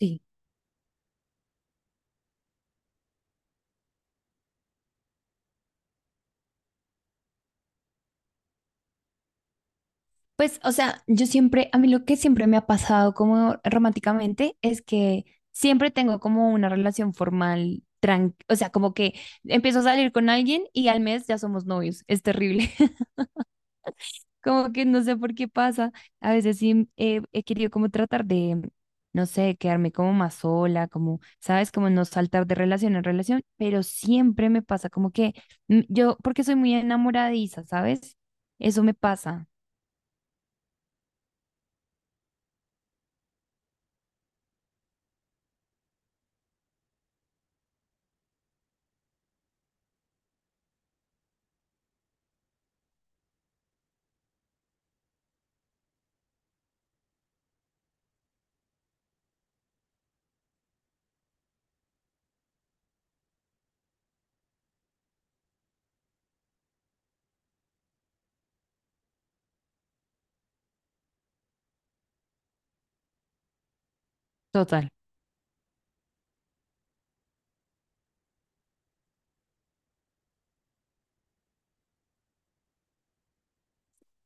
Sí, pues, o sea, yo siempre, a mí lo que siempre me ha pasado como románticamente es que siempre tengo como una relación formal, o sea, como que empiezo a salir con alguien y al mes ya somos novios, es terrible, como que no sé por qué pasa, a veces sí he querido como tratar de, no sé, quedarme como más sola, como, sabes, como no saltar de relación en relación, pero siempre me pasa como que yo, porque soy muy enamoradiza, ¿sabes? Eso me pasa. Total.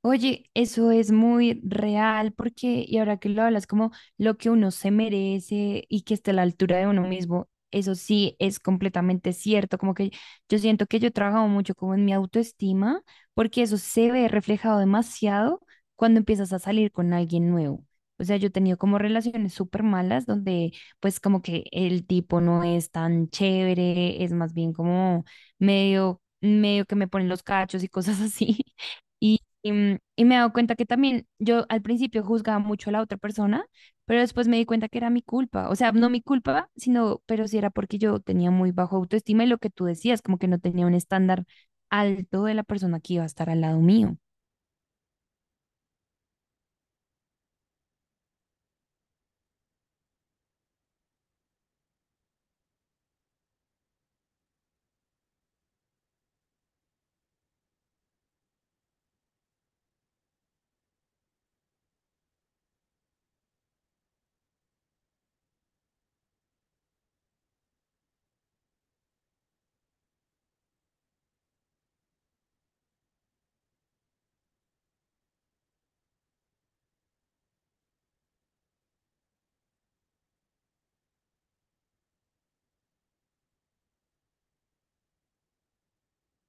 Oye, eso es muy real porque, y ahora que lo hablas, como lo que uno se merece y que esté a la altura de uno mismo, eso sí es completamente cierto. Como que yo siento que yo he trabajado mucho como en mi autoestima, porque eso se ve reflejado demasiado cuando empiezas a salir con alguien nuevo. O sea, yo he tenido como relaciones súper malas donde pues como que el tipo no es tan chévere, es más bien como medio, medio que me ponen los cachos y cosas así. Y, y me he dado cuenta que también yo al principio juzgaba mucho a la otra persona, pero después me di cuenta que era mi culpa. O sea, no mi culpa, sino, pero sí era porque yo tenía muy bajo autoestima y lo que tú decías, como que no tenía un estándar alto de la persona que iba a estar al lado mío.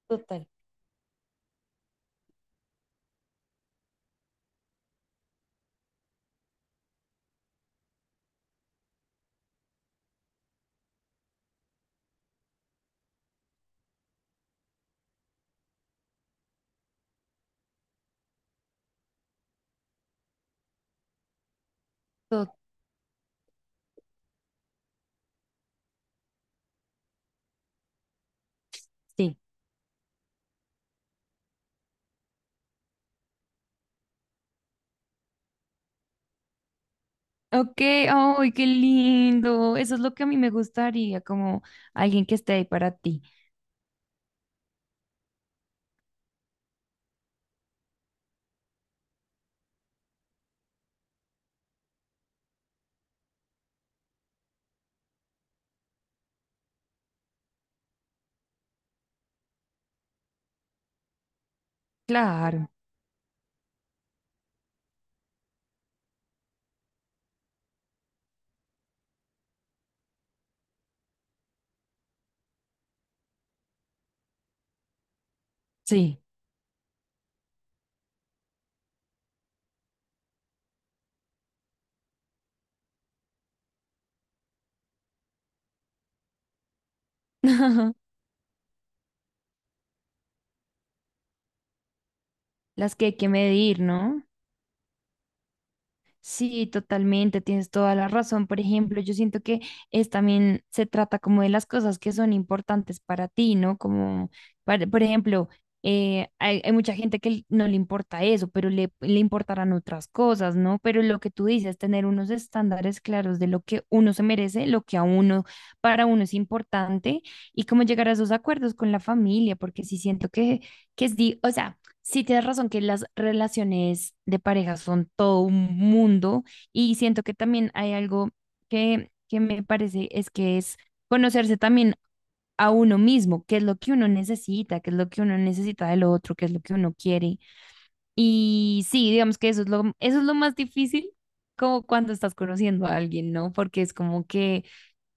Total, total, sí. Ok, ay, qué lindo. Eso es lo que a mí me gustaría, como alguien que esté ahí para ti. Claro, sí. Las que hay que medir, ¿no? Sí, totalmente, tienes toda la razón. Por ejemplo, yo siento que es también se trata como de las cosas que son importantes para ti, ¿no? Como, por ejemplo, hay, hay mucha gente que no le importa eso, pero le importarán otras cosas, ¿no? Pero lo que tú dices, tener unos estándares claros de lo que uno se merece, lo que a uno, para uno es importante y cómo llegar a esos acuerdos con la familia, porque sí siento que es, o sea. Sí, tienes razón que las relaciones de pareja son todo un mundo y siento que también hay algo que me parece es que es conocerse también a uno mismo, qué es lo que uno necesita, qué es lo que uno necesita del otro, qué es lo que uno quiere. Y sí, digamos que eso es lo más difícil como cuando estás conociendo a alguien, ¿no? Porque es como que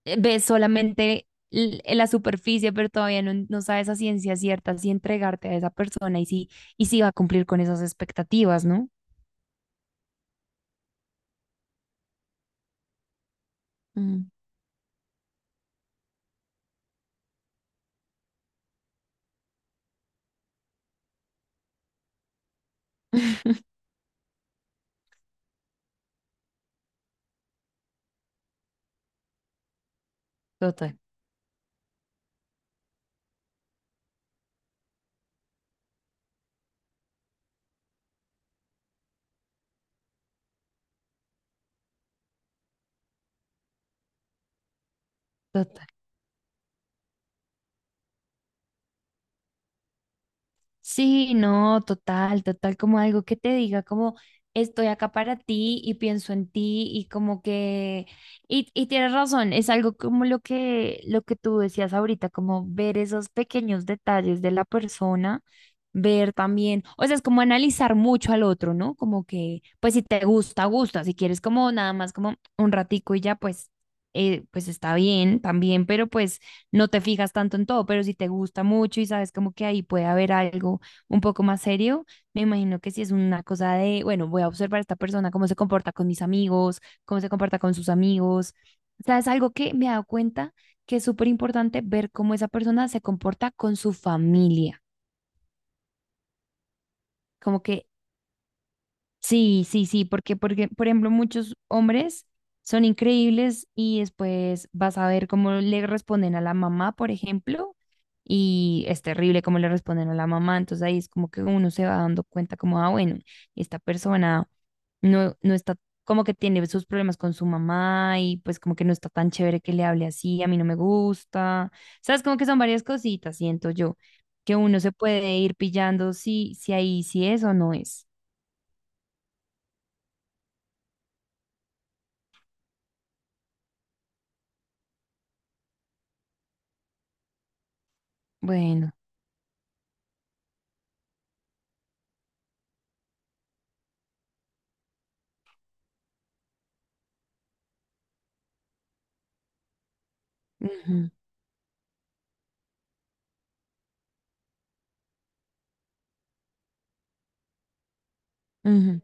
ves solamente la superficie, pero todavía no, no sabes a ciencia cierta si entregarte a esa persona y si va a cumplir con esas expectativas, ¿no? Mm. Total, total. Sí, no, total, total, como algo que te diga, como estoy acá para ti y pienso en ti y como que, y tienes razón, es algo como lo que tú decías ahorita, como ver esos pequeños detalles de la persona, ver también, o sea, es como analizar mucho al otro, ¿no? Como que, pues si te gusta, gusta, si quieres como nada más como un ratico y ya, pues, pues está bien también, pero pues no te fijas tanto en todo, pero si te gusta mucho y sabes como que ahí puede haber algo un poco más serio, me imagino que si es una cosa de, bueno, voy a observar a esta persona, cómo se comporta con mis amigos, cómo se comporta con sus amigos. O sea, es algo que me he dado cuenta que es súper importante ver cómo esa persona se comporta con su familia. Como que sí, sí, sí, porque, porque, por ejemplo, muchos hombres son increíbles y después vas a ver cómo le responden a la mamá, por ejemplo, y es terrible cómo le responden a la mamá, entonces ahí es como que uno se va dando cuenta como, ah, bueno, esta persona no, no está, como que tiene sus problemas con su mamá y pues como que no está tan chévere que le hable así, a mí no me gusta, sabes, como que son varias cositas, siento yo, que uno se puede ir pillando si, si ahí sí es o no es. Bueno. Ujú, ujú.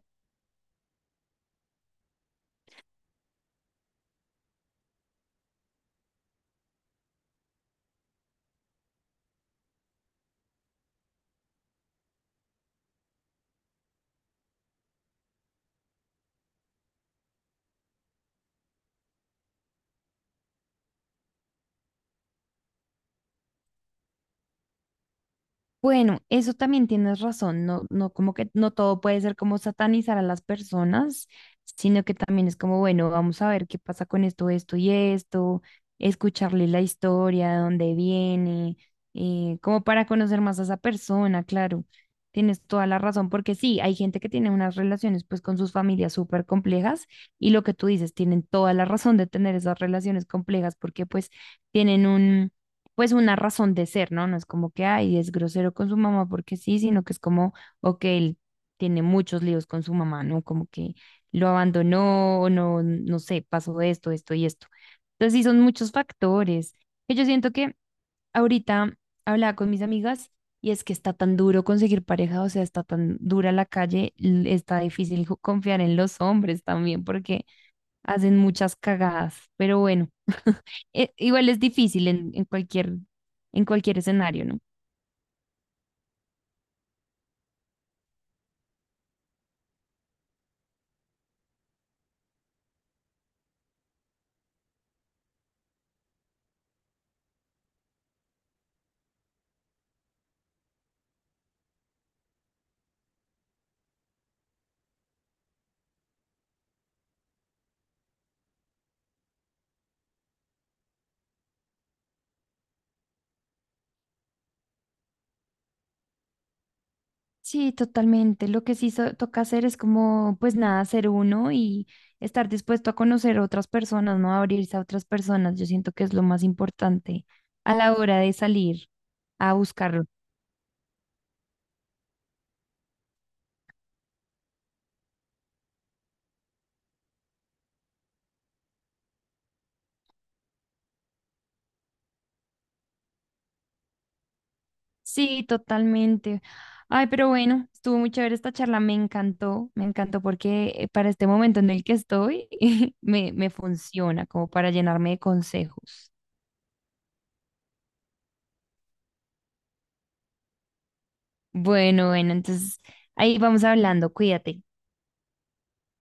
Bueno, eso también tienes razón, no, no, como que no todo puede ser como satanizar a las personas, sino que también es como, bueno, vamos a ver qué pasa con esto, esto y esto, escucharle la historia, de dónde viene, como para conocer más a esa persona, claro, tienes toda la razón, porque sí, hay gente que tiene unas relaciones pues con sus familias súper complejas y lo que tú dices, tienen toda la razón de tener esas relaciones complejas porque pues tienen un pues una razón de ser, ¿no? No es como que, ay, es grosero con su mamá porque sí, sino que es como, ok, él tiene muchos líos con su mamá, ¿no? Como que lo abandonó, o no, no sé, pasó esto, esto y esto. Entonces sí, son muchos factores que yo siento que ahorita hablaba con mis amigas y es que está tan duro conseguir pareja, o sea, está tan dura la calle, está difícil confiar en los hombres también porque hacen muchas cagadas, pero bueno igual es difícil en cualquier escenario, ¿no? Sí, totalmente. Lo que sí toca hacer es como, pues nada, ser uno y estar dispuesto a conocer otras personas, ¿no? Abrirse a otras personas. Yo siento que es lo más importante a la hora de salir a buscarlo. Sí, totalmente. Ay, pero bueno, estuvo muy chévere esta charla. Me encantó porque para este momento en el que estoy, me funciona como para llenarme de consejos. Bueno, bueno, entonces ahí vamos hablando, cuídate.